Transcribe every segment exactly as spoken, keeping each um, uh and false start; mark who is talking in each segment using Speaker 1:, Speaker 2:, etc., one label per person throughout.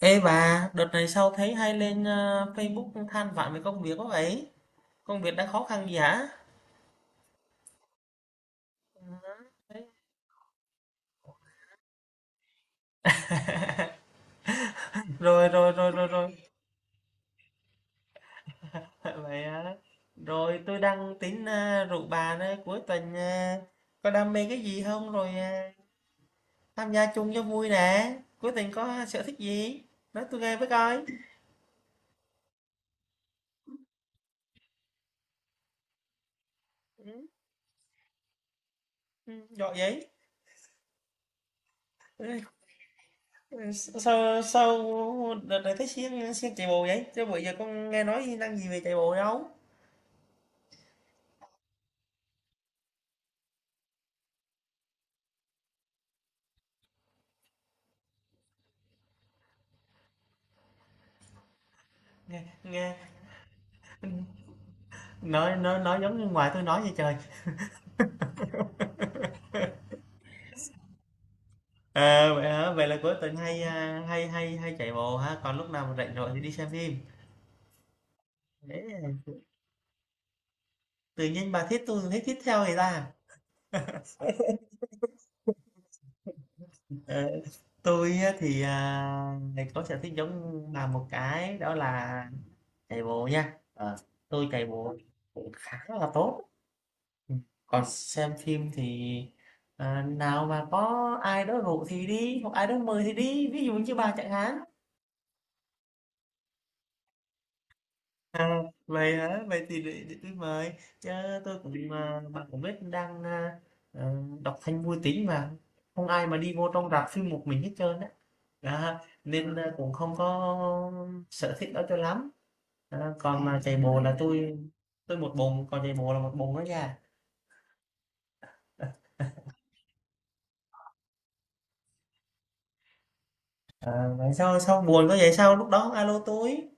Speaker 1: Ê bà, đợt này sao thấy hay lên ờ, Facebook than vãn về công việc quá vậy? Công việc đang khó khăn gì hả? Ừ, đấy. Rồi rồi rồi rồi rồi. Vậy hả? Rồi tôi đang tính ờ, rủ bà đây cuối tuần ờ, có đam mê cái gì không rồi ờ, tham gia chung cho vui nè. Cuối tuần có sở thích gì? Nói tôi nghe với coi. Ừ, ừ, giỏi vậy. Ừ, ừ, Sao sao đợt này thấy siêng siêng chạy bộ vậy? Chứ bữa giờ con nghe nói năng gì về chạy bộ đâu? nghe nghe Nói nói nói giống như ngoài tôi nói vậy trời. Ờ, vậy hả? Vậy là cuối tuần hay, a, hay hay hay chạy bộ ha, còn lúc nào mà rảnh rỗi thì đi xem phim. Thế à, tự nhiên bà thích tôi thấy thích theo người ta. Ờ, tôi á thì, à, ngày có sở thích giống bà một cái đó là chạy bộ nha. Ờ, tôi chạy bộ cũng khá là tốt. Ừ. Còn xem phim thì, à, nào mà có ai đó rủ thì đi, hoặc ai đó mời thì đi, ví dụ như bà chẳng hạn. Vậy hả, vậy thì để, để tôi mời chứ. Tôi cũng mà bạn cũng biết đang à, à, đọc thanh vui tính mà không ai mà đi vô trong rạp phim một mình hết trơn á. Đó, nên à, cũng không có sở thích đó cho lắm. Đó, còn mà chạy bộ là tôi tôi một bồn còn chạy bộ là một bồn đó nha. À, vậy sao sao buồn có vậy sao lúc đó alo tôi.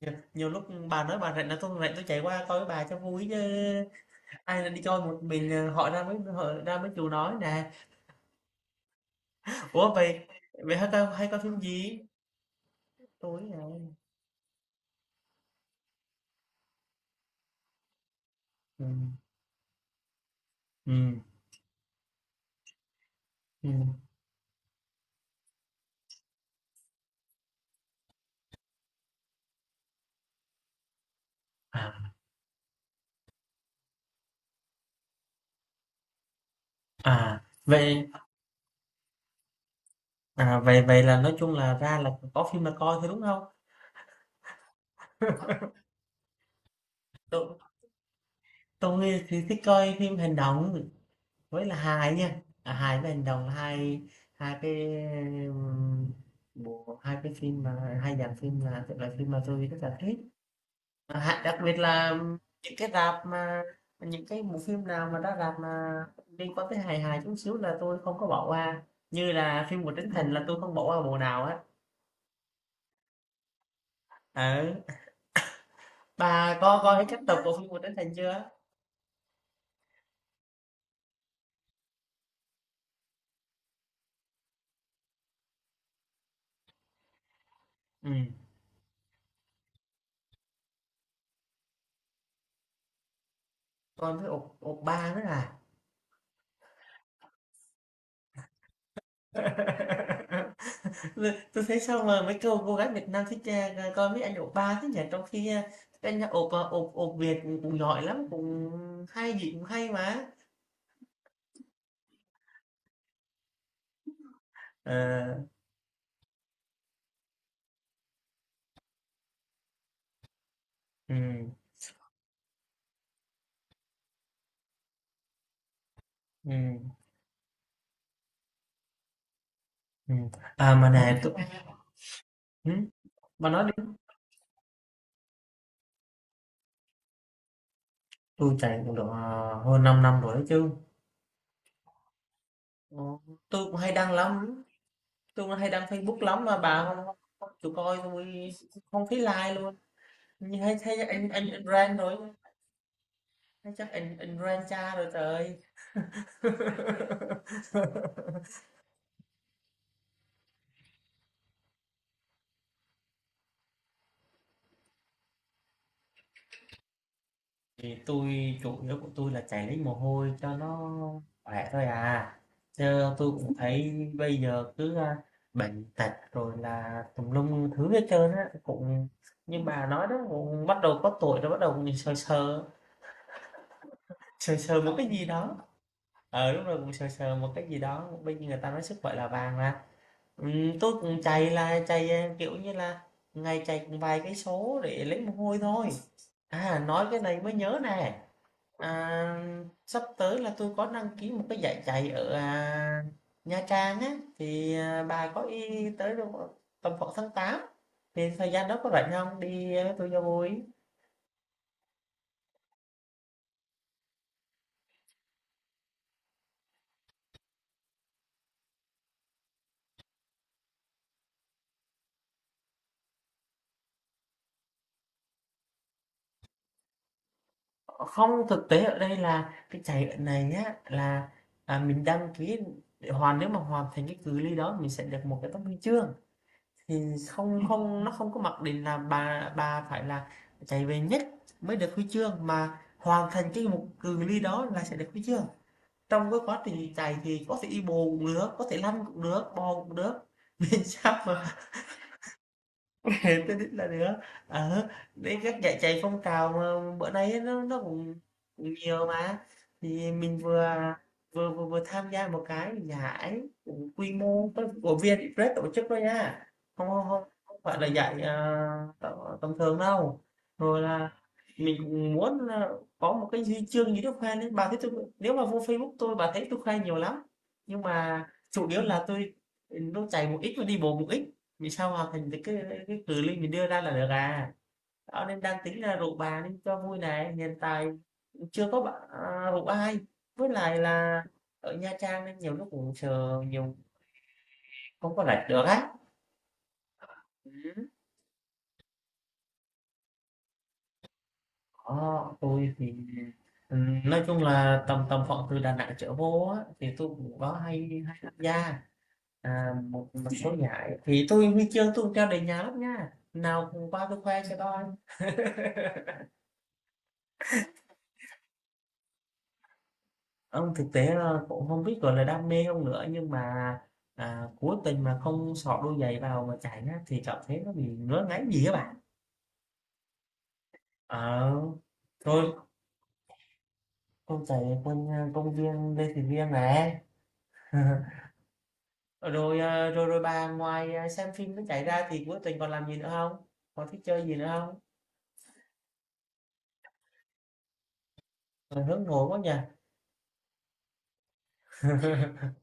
Speaker 1: Nhiều, nhiều lúc bà nói bà rảnh là tôi rảnh tôi chạy qua coi với bà cho vui chứ, ai là đi coi một mình à, hỏi ra mới họ ra mới chịu nói nè. Ủa, vậy vậy hả ta hay coi phim gì? Tối à. Ừ, ừ, ừm. À, à, vậy à, vậy vậy là nói chung là ra là có phim là coi thôi đúng không? Tôi tôi nghĩ thì thích coi phim hành động với là hài nha. À, hài với hành động là hai hai cái, ừm, bộ hai cái phim mà hai dàn phim là loại phim mà tôi rất là thích. Hạn đặc biệt là những cái rạp mà những cái bộ phim nào mà đã rạp mà liên quan tới hài hài chút xíu là tôi không có bỏ qua, như là phim của Trấn Thành là tôi không bỏ qua bộ nào á. Ừ. Bà có coi hết các tập của phim của Trấn Thành chưa? Ừ, coi với ột ột ba nữa à. Tôi thấy sao mà mấy cô cô gái Việt Nam thích, à, coi mấy anh ột ba thế nhỉ, trong khi à, các anh ột à, ột ột Việt cũng giỏi lắm, cũng hay gì cũng hay mà. Ờ, ừ. Ừ. Ừ. À mà nè tôi, ừ, bà nói đi. Tôi chạy cũng được ờ, hơn 5 năm rồi đấy chứ. Ờ, tôi cũng hay đăng lắm, tôi cũng hay đăng Facebook lắm mà bà không, không, không chịu coi tôi, không thấy like luôn, như hay thấy anh anh anh rant rồi, hay chắc anh anh rant cha rồi trời. Thì tôi chủ yếu của tôi là chảy lấy mồ hôi cho nó khỏe thôi à, chứ tôi cũng thấy bây giờ cứ à, bệnh tật rồi là tùm lum thứ hết trơn á, cũng như bà nói đó, cũng bắt đầu có tuổi rồi, bắt đầu cũng sờ sờ sờ sờ một cái gì đó, ờ lúc rồi cũng sờ sờ một cái gì đó. Bây giờ người ta nói sức khỏe là vàng mà. Ừ, tôi cũng chạy là chạy à, kiểu như là ngày chạy cũng vài cái số để lấy mồ hôi thôi. À nói cái này mới nhớ nè. À, sắp tới là tôi có đăng ký một cái giải chạy ở à, Nha Trang á thì à, bà có ý tới đâu ạ? Tầm khoảng tháng tám, thì thời gian đó có rảnh không đi à, với tôi cho vui. Không, thực tế ở đây là cái chạy ở này á là à, mình đăng ký để hoàn nếu mà hoàn thành cái cự ly đó mình sẽ được một cái tấm huy chương thì không không nó không có mặc định là bà bà phải là chạy về nhất mới được huy chương, mà hoàn thành cái một cự ly đó là sẽ được huy chương. Trong cái quá trình chạy thì có thể đi bồ cũng được, có thể lăn cũng được, bò cũng được. Miễn sao mà tôi định là được. Ờ, đấy các dạy chạy phong trào mà bữa nay nó nó cũng cũng nhiều mà. Thì mình vừa vừa vừa, vừa tham gia một cái giải cũng quy mô có- của Vietpress tổ chức thôi nha, không không không, không phải là giải uh, tầm tầm thường đâu. Rồi là mình cũng muốn là có một cái huy chương gì đó khoe lên, bà thấy tôi, nếu mà vô Facebook tôi bà thấy tôi khoe nhiều lắm, nhưng mà chủ yếu là tôi, ừ, nó chạy một ít và đi bộ một ít vì sao hoàn thành được cái cái cự ly mình đưa ra là được à. Đó nên đang tính là rủ bà nên cho vui này, hiện tại chưa có bạn à, rủ ai với lại là ở Nha Trang nên nhiều lúc cũng sợ nhiều không có rảnh được á. Ừ. Đó, tôi thì, ừ, nói chung là tầm tầm khoảng từ Đà Nẵng trở vô á, thì tôi cũng có hay hay tham gia, à, một, một số giải thì tôi huy chương tôi cũng treo đầy nhà lắm nha, nào cùng qua tôi khoe cho coi. Ông thực tế là cũng không biết, gọi là, đam mê không nữa, nhưng mà, à, cố tình mà không xỏ đôi giày vào mà chạy á, thì cảm thấy nó bị ngứa ngáy gì các bạn. Ờ, rồi con chạy ở quanh, a, công viên Lê Thị Riêng này. Rồi, à, rồi rồi bà ngoài, à, xem phim với chạy ra thì cuối tuần còn làm gì nữa không? Còn thích chơi gì nữa không? Ờ, hướng nội quá nhỉ?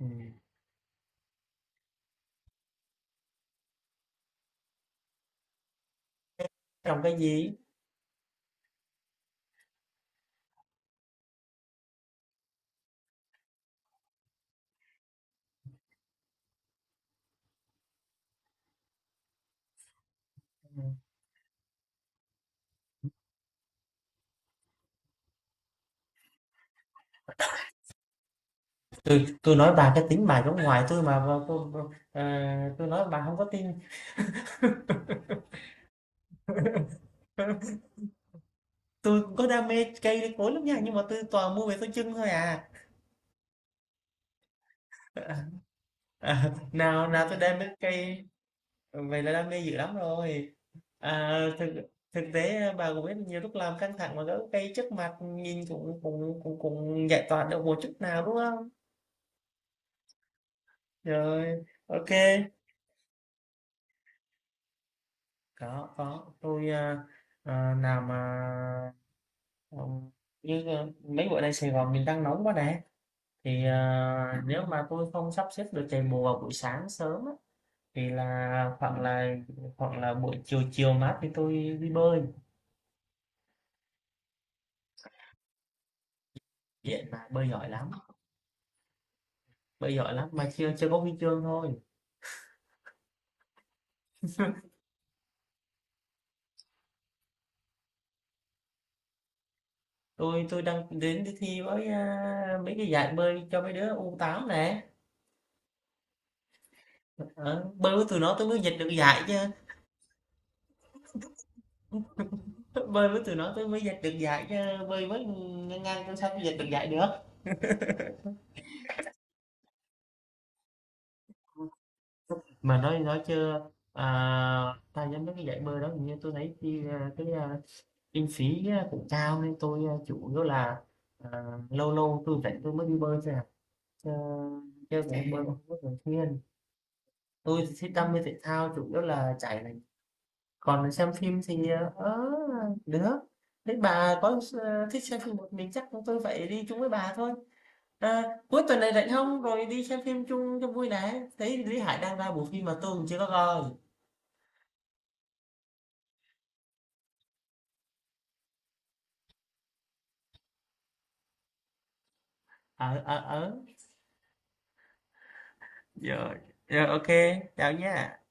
Speaker 1: Ừm, trồng cái gì? Ừm, tôi tui nói bà cái tính bà giống ngoài tôi mà mà tôi ờ, ờ, nói bà không có tin. Tôi cũng có đam mê cây đến cối lắm nha, nhưng mà tôi toàn mua về tôi chưng thôi à. À, à nào nào tôi đam mê cây, vậy là đam mê dữ lắm rồi. À, thực thực tế à, bà cũng biết nhiều lúc làm căng thẳng mà gỡ cây trước mặt nhìn cũng cũng cũng cũng giải tỏa được một chút nào đúng không? Rồi ok. có có tôi à, à, nào mà, ừm, như à, mấy bữa nay Sài Gòn mình đang nóng quá nè, thì à, nếu mà tôi không sắp xếp được chạy bộ vào buổi sáng sớm á, thì là khoảng là hoặc là buổi chiều chiều mát thì tôi đi bơi, biển mà bơi giỏi lắm, bơi giỏi lắm mà chưa chưa có huy chương thôi. Tôi tôi đang đến đi thi với à, mấy cái giải bơi cho mấy đứa u tám nè. Ờ, bơi với tụi nó tôi mới giành được giải chứ. Bơi với tụi nó tôi mới giành được giải chứ, bơi với ngang ngang tôi sao tôi giành được giải được. Mà nói nói chưa à, ta nhắm mấy cái giải bơi đó hình như tôi thấy chi à, cái à, kinh phí ờ, cũng cao nên tôi ờ, chủ yếu là ờ, lâu lâu tôi rảnh tôi mới đi bơi thôi à, chứ chứ cũng bơi không có không thường xuyên. Tôi thì thích đam mê thể thao chủ yếu là chạy này, còn xem phim thì ờ, ở nữa. Thế bà có ờ, thích xem phim một mình chắc chúng tôi phải đi chung với bà thôi, à, cuối tuần này rảnh không rồi đi xem phim chung cho vui này, thấy Lý Hải đang ra bộ phim mà tôi cũng chưa có coi. Ở ở ở Rồi, rồi ok, chào nhé.